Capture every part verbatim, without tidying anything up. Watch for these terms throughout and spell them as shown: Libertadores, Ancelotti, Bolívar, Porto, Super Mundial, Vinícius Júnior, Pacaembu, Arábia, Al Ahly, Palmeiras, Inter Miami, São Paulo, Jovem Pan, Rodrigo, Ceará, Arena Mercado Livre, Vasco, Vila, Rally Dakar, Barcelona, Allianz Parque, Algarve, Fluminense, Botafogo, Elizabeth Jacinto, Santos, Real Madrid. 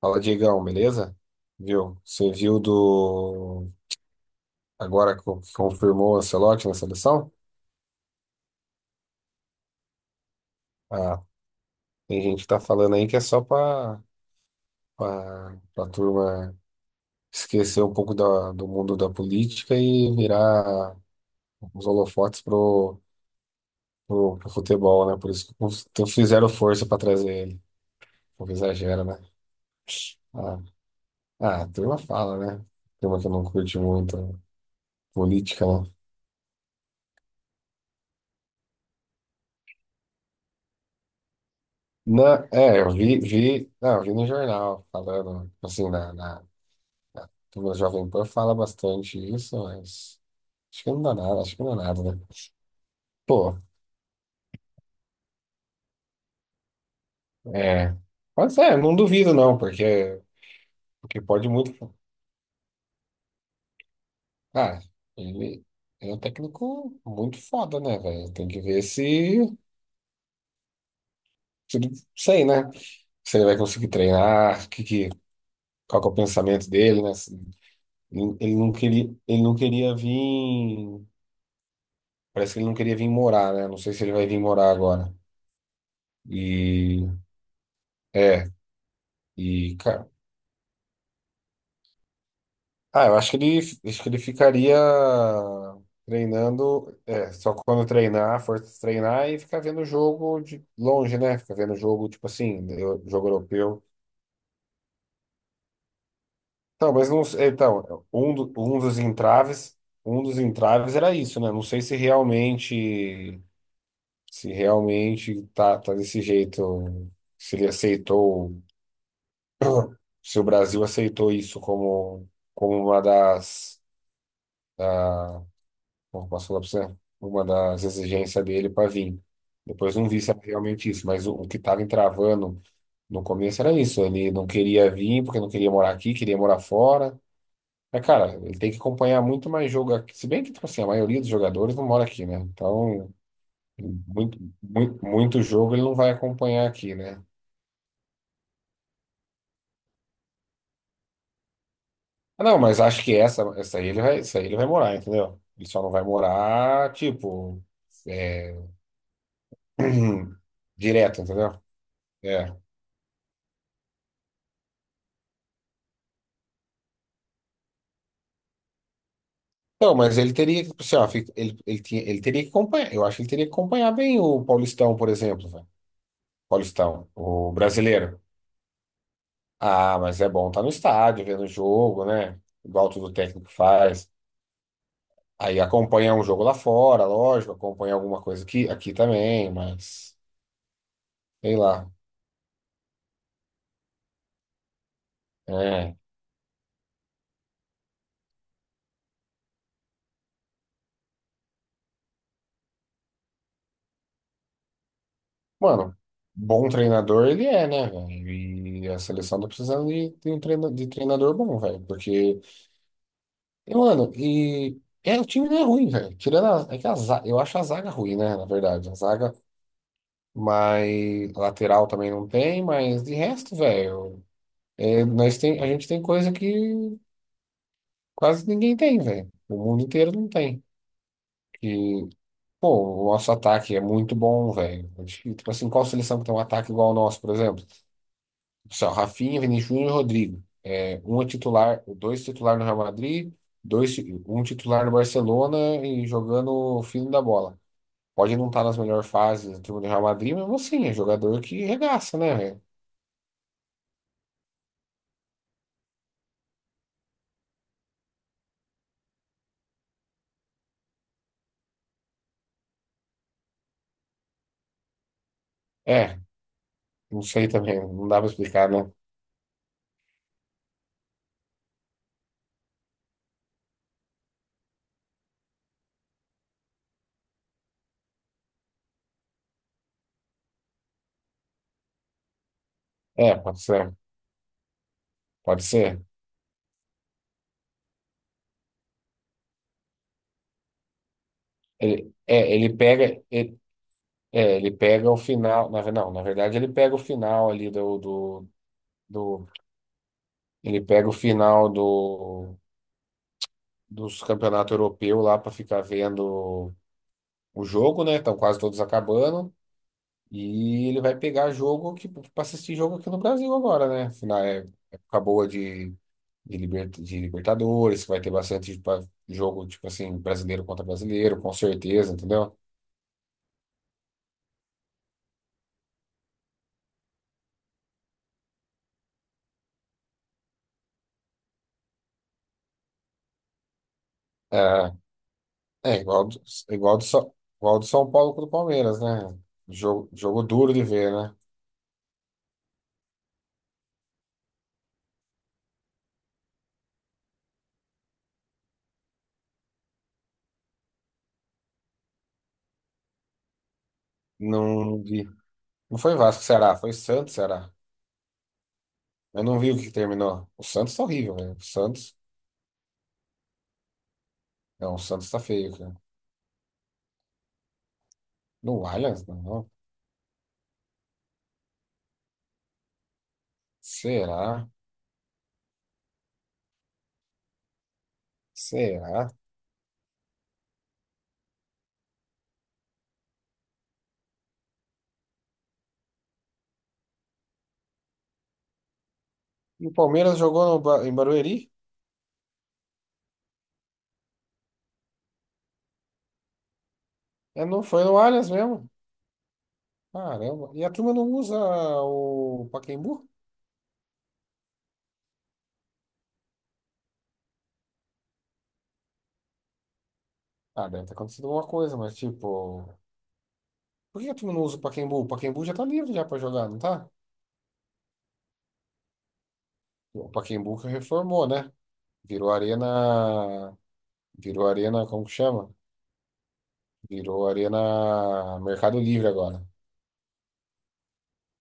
Fala, Diegão, beleza? Viu? Você viu do. Agora co- que confirmou o Ancelotti na seleção? Ah, tem gente que tá falando aí que é só pra, pra, pra turma esquecer um pouco da, do mundo da política e virar os holofotes pro, pro, pro futebol, né? Por isso que cons- então fizeram força pra trazer ele. Um pouco exagero, né? Ah, ah, a turma fala, né? Turma que não curte muito política, né? Na, é, eu vi, vi, não, eu vi no jornal falando, assim, na, na, na turma do Jovem Pan fala bastante isso, mas acho que não dá nada, acho que não dá nada, né? Pô, é, pode ser, não duvido não, porque, porque pode muito, ah, ele, ele é um técnico muito foda, né, velho? Tem que ver se, se, ele- sei, né? Se ele vai conseguir treinar, que, que, qual que é o pensamento dele, né? Se- Ele não queria, ele não queria vir. Parece que ele não queria vir morar, né? Não sei se ele vai vir morar agora. E é, e cara, ah, eu acho que ele, acho que ele ficaria treinando, é, só quando treinar, for treinar e ficar vendo o jogo de longe, né? Ficar vendo o jogo tipo assim, eu- jogo europeu. Então, mas não, sei- então, um, do- um dos entraves, um dos entraves era isso, né? Não sei se realmente, se realmente tá, tá desse jeito, se ele aceitou. Se o Brasil aceitou isso como, como uma das, da, como posso falar pra você? Uma das exigências dele para vir. Depois não vi se era realmente isso, mas o, o que estava entravando no começo era isso. Ele não queria vir porque não queria morar aqui, queria morar fora. Mas, cara, ele tem que acompanhar muito mais jogo aqui. Se bem que, tipo assim, a maioria dos jogadores não mora aqui, né? Então, muito, muito, muito jogo ele não vai acompanhar aqui, né? Ah, não, mas acho que essa, essa aí ele vai, essa aí ele vai morar, entendeu? Ele só não vai morar, tipo, é, direto, entendeu? É. Não, mas ele teria que, tipo assim, ó, fica- ele, ele, tinha, ele teria que acompanhar, eu acho que ele teria que acompanhar bem o Paulistão, por exemplo, velho. Paulistão, o brasileiro. Ah, mas é bom estar no estádio, vendo o jogo, né? Igual tudo o técnico faz. Aí acompanha um jogo lá fora, lógico, acompanha alguma coisa aqui, aqui também, mas sei lá. É. Mano, bom treinador ele é, né, velho? E a seleção tá precisando de, de um treina, de treinador bom, velho. Porque e, mano, e é, o time não é ruim, velho. Tirando a, é que a zaga, eu acho a zaga ruim, né, na verdade. A zaga, mas a lateral também não tem, mas de resto, velho, é, nós tem, a gente tem coisa que quase ninguém tem, velho. O mundo inteiro não tem. E, pô, o nosso ataque é muito bom, velho. Tipo assim, qual seleção que tem um ataque igual ao nosso, por exemplo? Só Rafinha, Vinícius Júnior e Rodrigo. É, um é titular, dois titular no Real Madrid, dois, ti- um titular no Barcelona e jogando o fino da bola. Pode não estar nas melhores fases do time do Real Madrid, mas assim, é jogador que regaça, né, velho? É, não sei também, não dá pra explicar, né? É, pode ser, pode ser. Ele, é, ele pega, ele, é, ele pega o final, na, ve- não, na verdade ele pega o final ali do, do, do ele pega o final do dos campeonatos europeus lá para ficar vendo o jogo, né? Estão quase todos acabando. E ele vai pegar jogo que para assistir jogo aqui no Brasil agora, né? Afinal, é época boa de, de, liber- de Libertadores, que vai ter bastante pa- jogo, tipo assim, brasileiro contra brasileiro, com certeza, entendeu? É, é igual do, igual do, São- igual do São Paulo com o do Palmeiras, né? Jogo, jogo duro de ver, né? Não, de- não foi Vasco, Ceará, foi Santos, Ceará. Eu não vi o que terminou. O Santos tá horrível, velho. O Santos. Não, o Santos tá feio, cara. No Allianz, não. não. Será? Será? E o Palmeiras jogou no Ba- em Barueri? É, não foi no Allianz mesmo. Caramba. E a turma não usa o Pacaembu? Ah, deve ter acontecido alguma coisa, mas tipo. Por que a turma não usa o Pacaembu? O Pacaembu já tá livre já pra jogar, não tá? O Pacaembu que reformou, né? Virou Arena. Virou Arena, como que chama? Virou Arena Mercado Livre agora.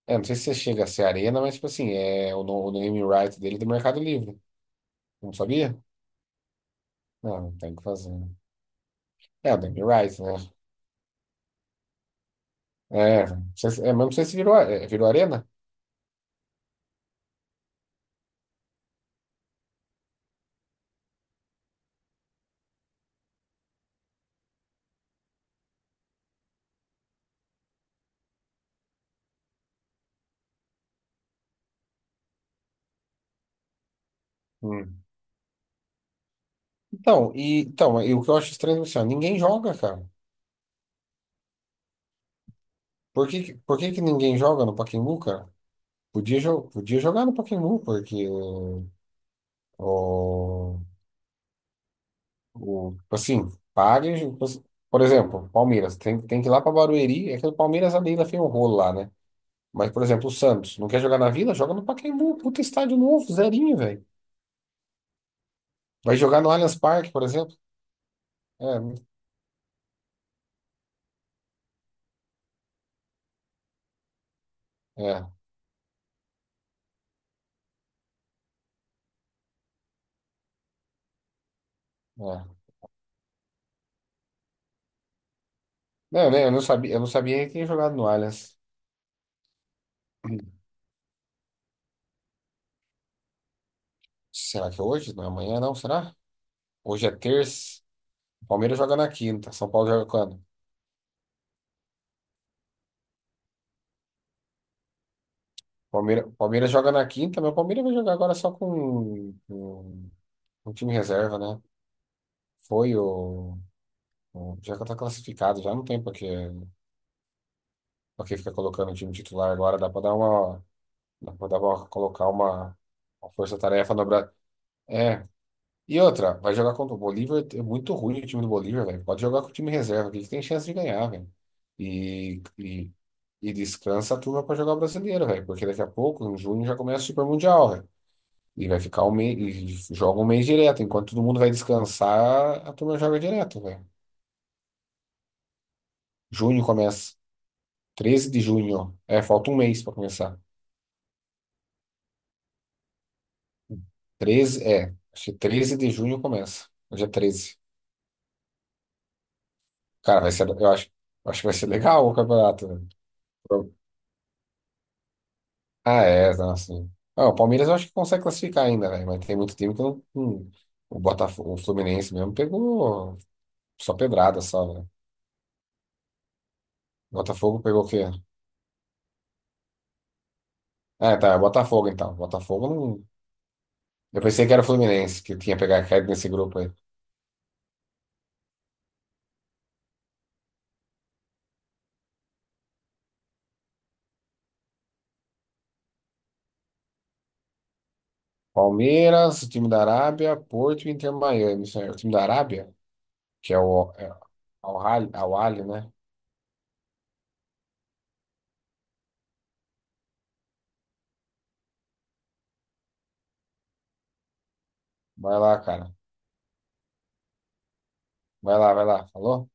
É, não sei se chega a ser arena, mas tipo assim, é o, no- o name right dele é do Mercado Livre. Não sabia? Não, tem que fazer, né? É, o name right, né? É, não sei se- é, mas não sei se virou, a- é, virou arena. Hum. Então, e, então, e o que eu acho estranho é assim, ó, ninguém joga, cara. Por que, que- por que que ninguém joga no Pacaembu, cara? Podia, jo- podia jogar no Pacaembu, porque o, o, o- tipo assim, paga. e- Por exemplo, Palmeiras, tem, tem que ir lá pra Barueri, é que o Palmeiras ali ainda fez um rolo lá, né? Mas, por exemplo, o Santos não quer jogar na Vila? Joga no Pacaembu. Puta estádio novo, zerinho, velho. Vai jogar no Allianz Parque, por exemplo? É, é, é. Não, eu eu não sabia, eu não sabia que tinha jogado no Allianz. Será que é hoje? Não é amanhã, não? Será? Hoje é terça. O Palmeiras joga na quinta. São Paulo joga quando? Palmeiras Palmeiras, joga na quinta, mas o Palmeiras vai jogar agora só com, com, com o time reserva, né? Foi o, o- Já que tá classificado, já não tem pra que, pra que ficar colocando o time titular agora. Dá pra dar uma. Mandava colocar uma, uma força-tarefa no Brasil. É. E outra, vai jogar contra o Bolívar. É muito ruim o time do Bolívar, velho. Pode jogar com o time reserva, que ele tem chance de ganhar, velho. E, e, e descansa a turma pra jogar o brasileiro, velho. Porque daqui a pouco, em junho, já começa o Super Mundial, velho. E vai ficar um mês, e joga um mês direto. Enquanto todo mundo vai descansar, a turma joga direto, velho. Junho começa. Treze de junho. É, falta um mês pra começar. Treze é. Acho que treze de junho começa. Hoje é treze. Cara, vai ser, eu acho, eu acho que vai ser legal o campeonato, velho. Pro- Ah, é, nossa. Ah, o Palmeiras eu acho que consegue classificar ainda, velho, mas tem muito time que não. não- O Botafogo, o Fluminense mesmo pegou só pedrada, só, velho. Botafogo pegou o quê? Ah, tá, é Botafogo então. Botafogo não. Eu pensei que era o Fluminense que tinha pegado caído nesse grupo aí. Palmeiras, o time da Arábia, Porto e Inter Miami. Isso aí. O time da Arábia, que é o é, Al Ahly, Al Ahly, né? Vai lá, cara. Vai lá, vai lá. Falou?